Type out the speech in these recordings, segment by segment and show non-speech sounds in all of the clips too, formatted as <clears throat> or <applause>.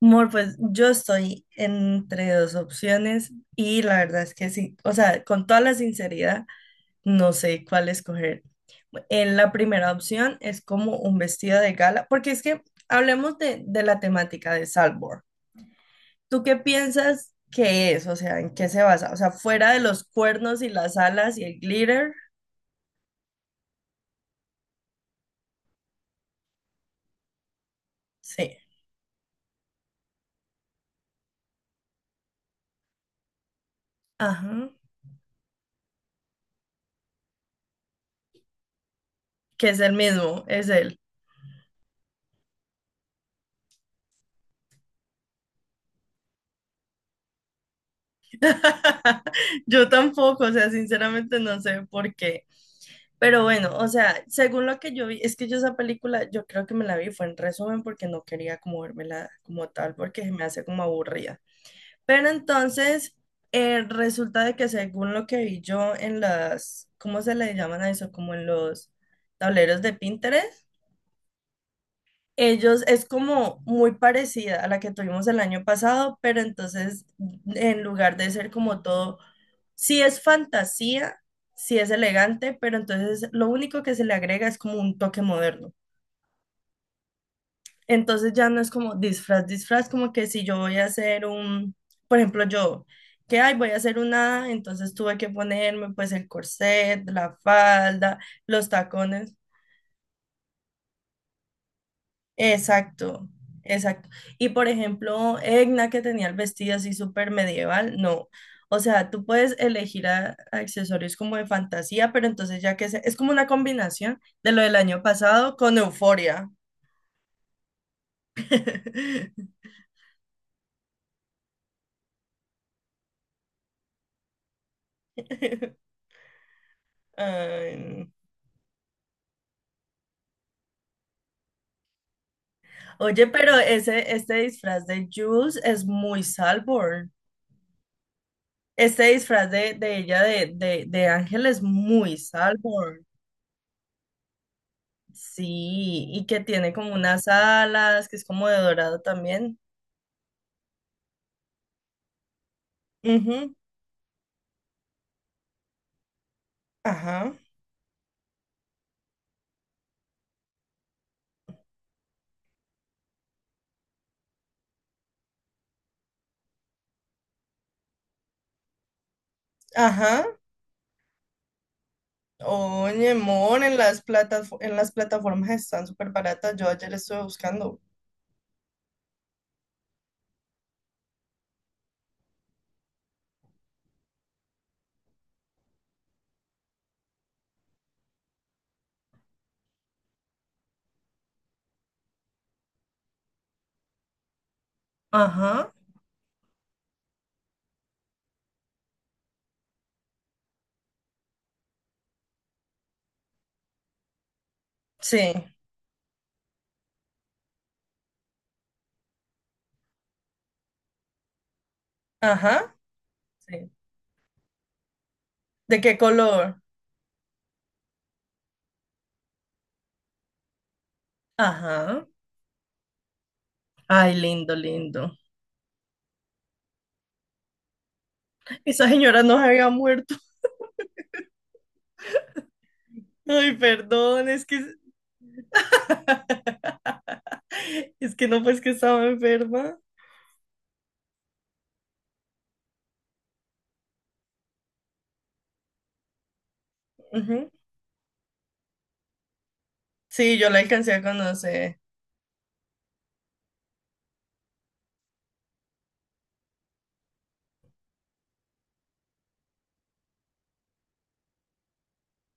Mor, pues yo estoy entre dos opciones y la verdad es que sí, o sea, con toda la sinceridad, no sé cuál escoger. En la primera opción es como un vestido de gala, porque es que hablemos de la temática de Salvor. ¿Tú qué piensas que es? O sea, ¿en qué se basa? O sea, fuera de los cuernos y las alas y el glitter, sí, ajá, que es el mismo, es él. <laughs> Yo tampoco, o sea, sinceramente no sé por qué. Pero bueno, o sea, según lo que yo vi, es que yo esa película, yo creo que me la vi, fue en resumen porque no quería como vérmela como tal, porque se me hace como aburrida. Pero entonces, resulta de que según lo que vi yo en las, ¿cómo se le llaman a eso? Como en los tableros de Pinterest, ellos es como muy parecida a la que tuvimos el año pasado, pero entonces en lugar de ser como todo, sí es fantasía, sí es elegante, pero entonces lo único que se le agrega es como un toque moderno. Entonces ya no es como disfraz, disfraz, como que si yo voy a hacer un, por ejemplo, yo, que ay, voy a hacer una, entonces tuve que ponerme pues el corset, la falda, los tacones. Exacto, exacto. Y por ejemplo, Egna que tenía el vestido así súper medieval, no. O sea, tú puedes elegir accesorios como de fantasía, pero entonces ya que es como una combinación de lo del año pasado con Euforia. <laughs> Ay, no. Oye, pero ese, este disfraz de Jules es muy Salborn. Este disfraz de ella de Ángel es muy Salborn. Sí, y que tiene como unas alas, que es como de dorado también. Ujú, ajá, ajá. Oye, mon, en las en las plataformas están súper baratas. Yo ayer estuve buscando. Ajá, sí, ajá, sí. ¿De qué color? Ajá. Ay, lindo, lindo. Esa señora no se había muerto. <laughs> Ay, perdón, es que <laughs> es que no, pues que estaba enferma. Ujú. Sí, yo la alcancé a conocer.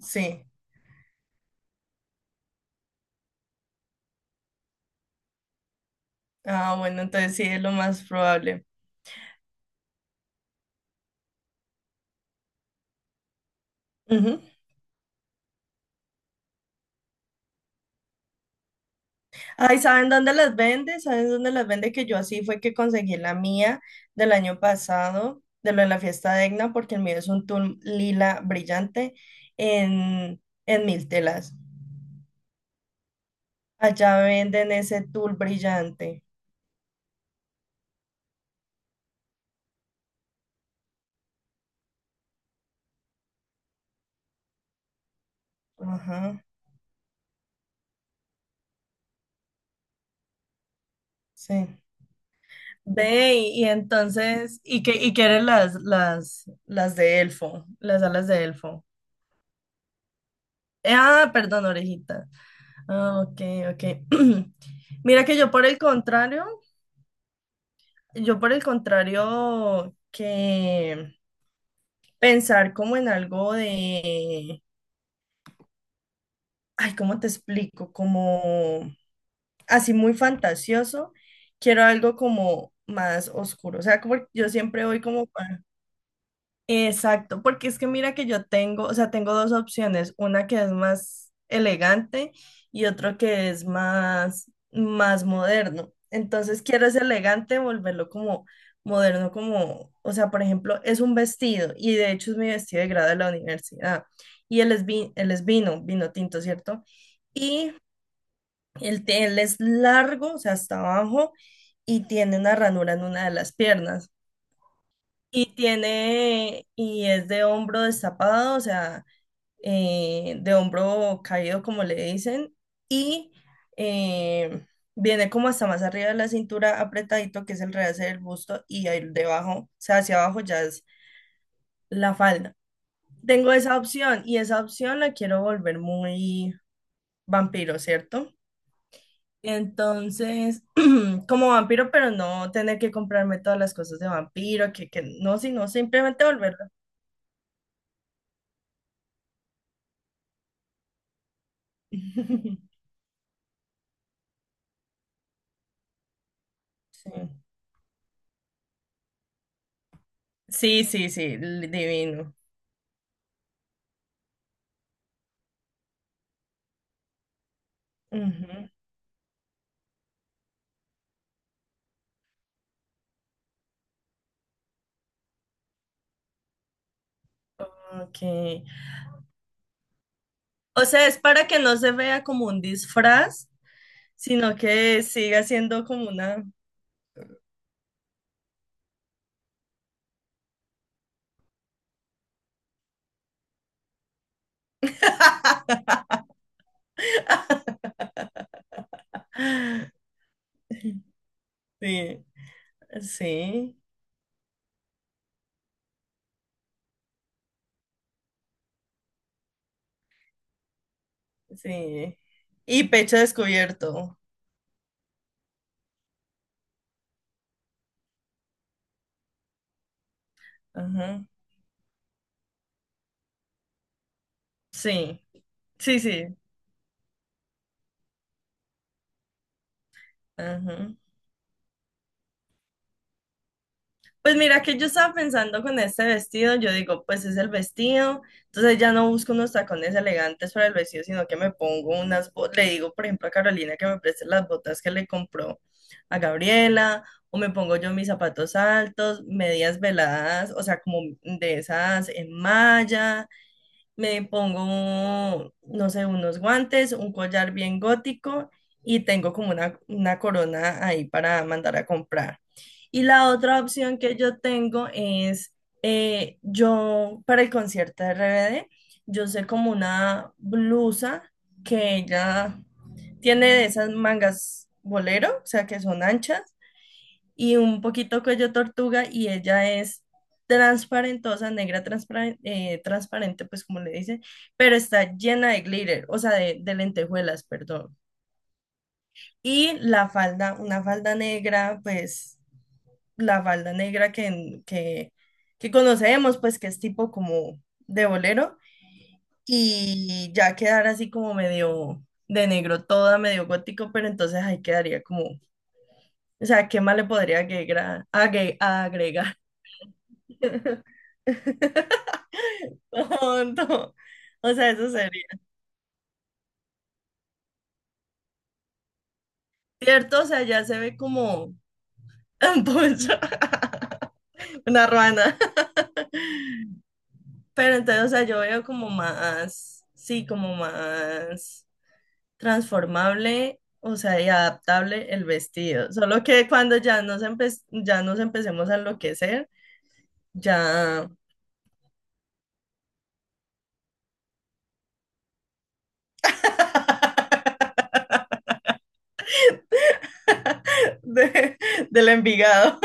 Sí. Ah, bueno, entonces sí es lo más probable. Ujú. Ay, ¿saben dónde las vende? ¿Saben dónde las vende? Que yo así fue que conseguí la mía del año pasado, de lo de la fiesta de Egna, porque el mío es un tul lila brillante en, en mil telas. Allá venden ese tul brillante. Ajá, sí. Ve, y entonces, y qué eran las de elfo? Las alas de elfo. Ah, perdón, orejita. Ah, ok, ok. <clears throat> Mira que yo por el contrario, yo por el contrario que pensar como en algo de, ay, ¿cómo te explico? Como así muy fantasioso, quiero algo como más oscuro. O sea, como yo siempre voy como exacto, porque es que mira que yo tengo, o sea, tengo dos opciones, una que es más elegante y otro que es más, más moderno. Entonces quiero ese elegante, volverlo como moderno, como, o sea, por ejemplo, es un vestido y de hecho es mi vestido de grado de la universidad y él es, él es vino, vino tinto, ¿cierto? Y el, él es largo, o sea, hasta abajo y tiene una ranura en una de las piernas. Y tiene, y es de hombro destapado, o sea, de hombro caído, como le dicen, y eh, viene como hasta más arriba de la cintura apretadito, que es el realce del busto, y ahí debajo, o sea, hacia abajo ya es la falda. Tengo esa opción, y esa opción la quiero volver muy vampiro, ¿cierto? Entonces, <clears throat> como vampiro, pero no tener que comprarme todas las cosas de vampiro, que no, sino simplemente volverlo. <laughs> Sí, sí, sí, sí, li- divino. Ujú, ok. O sea, es para que no se vea como un disfraz, sino que siga siendo como una... <gasps> Sí, sí, sí. Y pecho descubierto. Ajá. Sí, sí, sí. Ajá. Pues mira que yo estaba pensando con este vestido, yo digo, pues es el vestido, entonces ya no busco unos tacones elegantes para el vestido, sino que me pongo unas, le digo, por ejemplo, a Carolina que me preste las botas que le compró a Gabriela, o me pongo yo mis zapatos altos, medias veladas, o sea, como de esas en malla, me pongo, no sé, unos guantes, un collar bien gótico y tengo como una corona ahí para mandar a comprar. Y la otra opción que yo tengo es, yo para el concierto de RBD, yo sé como una blusa que ella tiene de esas mangas bolero, o sea, que son anchas, y un poquito cuello tortuga y ella es transparentosa, negra transparente, pues como le dicen, pero está llena de glitter, o sea, de lentejuelas, perdón. Y la falda, una falda negra, pues la falda negra que conocemos, pues que es tipo como de bolero y ya quedar así como medio de negro toda, medio gótico, pero entonces ahí quedaría como, o sea, ¿qué más le podría agregar? ¿Agregar? <laughs> Tonto. O sea, eso sería. ¿Cierto? O sea, ya se ve como un poncho, <laughs> una ruana. Pero entonces, o sea, yo veo como más, sí, como más transformable, o sea, y adaptable el vestido. Solo que cuando ya nos ya nos empecemos a enloquecer, ya <laughs> de- del Envigado.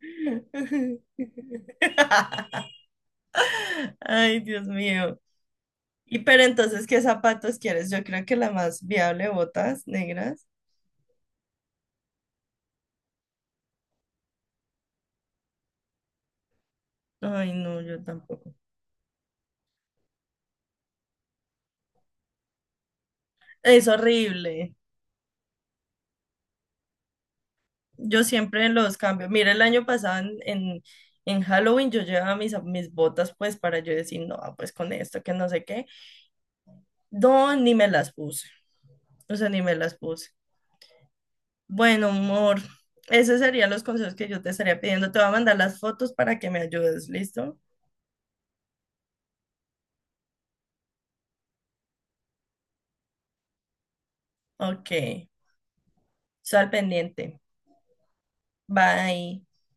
<laughs> Ay, Dios mío. Y pero entonces, ¿qué zapatos quieres? Yo creo que la más viable, botas negras. Ay, no, yo tampoco. Es horrible. Yo siempre los cambio. Mira, el año pasado en Halloween yo llevaba mis botas pues para yo decir, no, pues con esto, que no sé qué. No, ni me las puse. O sea, ni me las puse. Bueno, amor, esos serían los consejos que yo te estaría pidiendo. Te voy a mandar las fotos para que me ayudes, ¿listo? Ok, sal pendiente. Bye.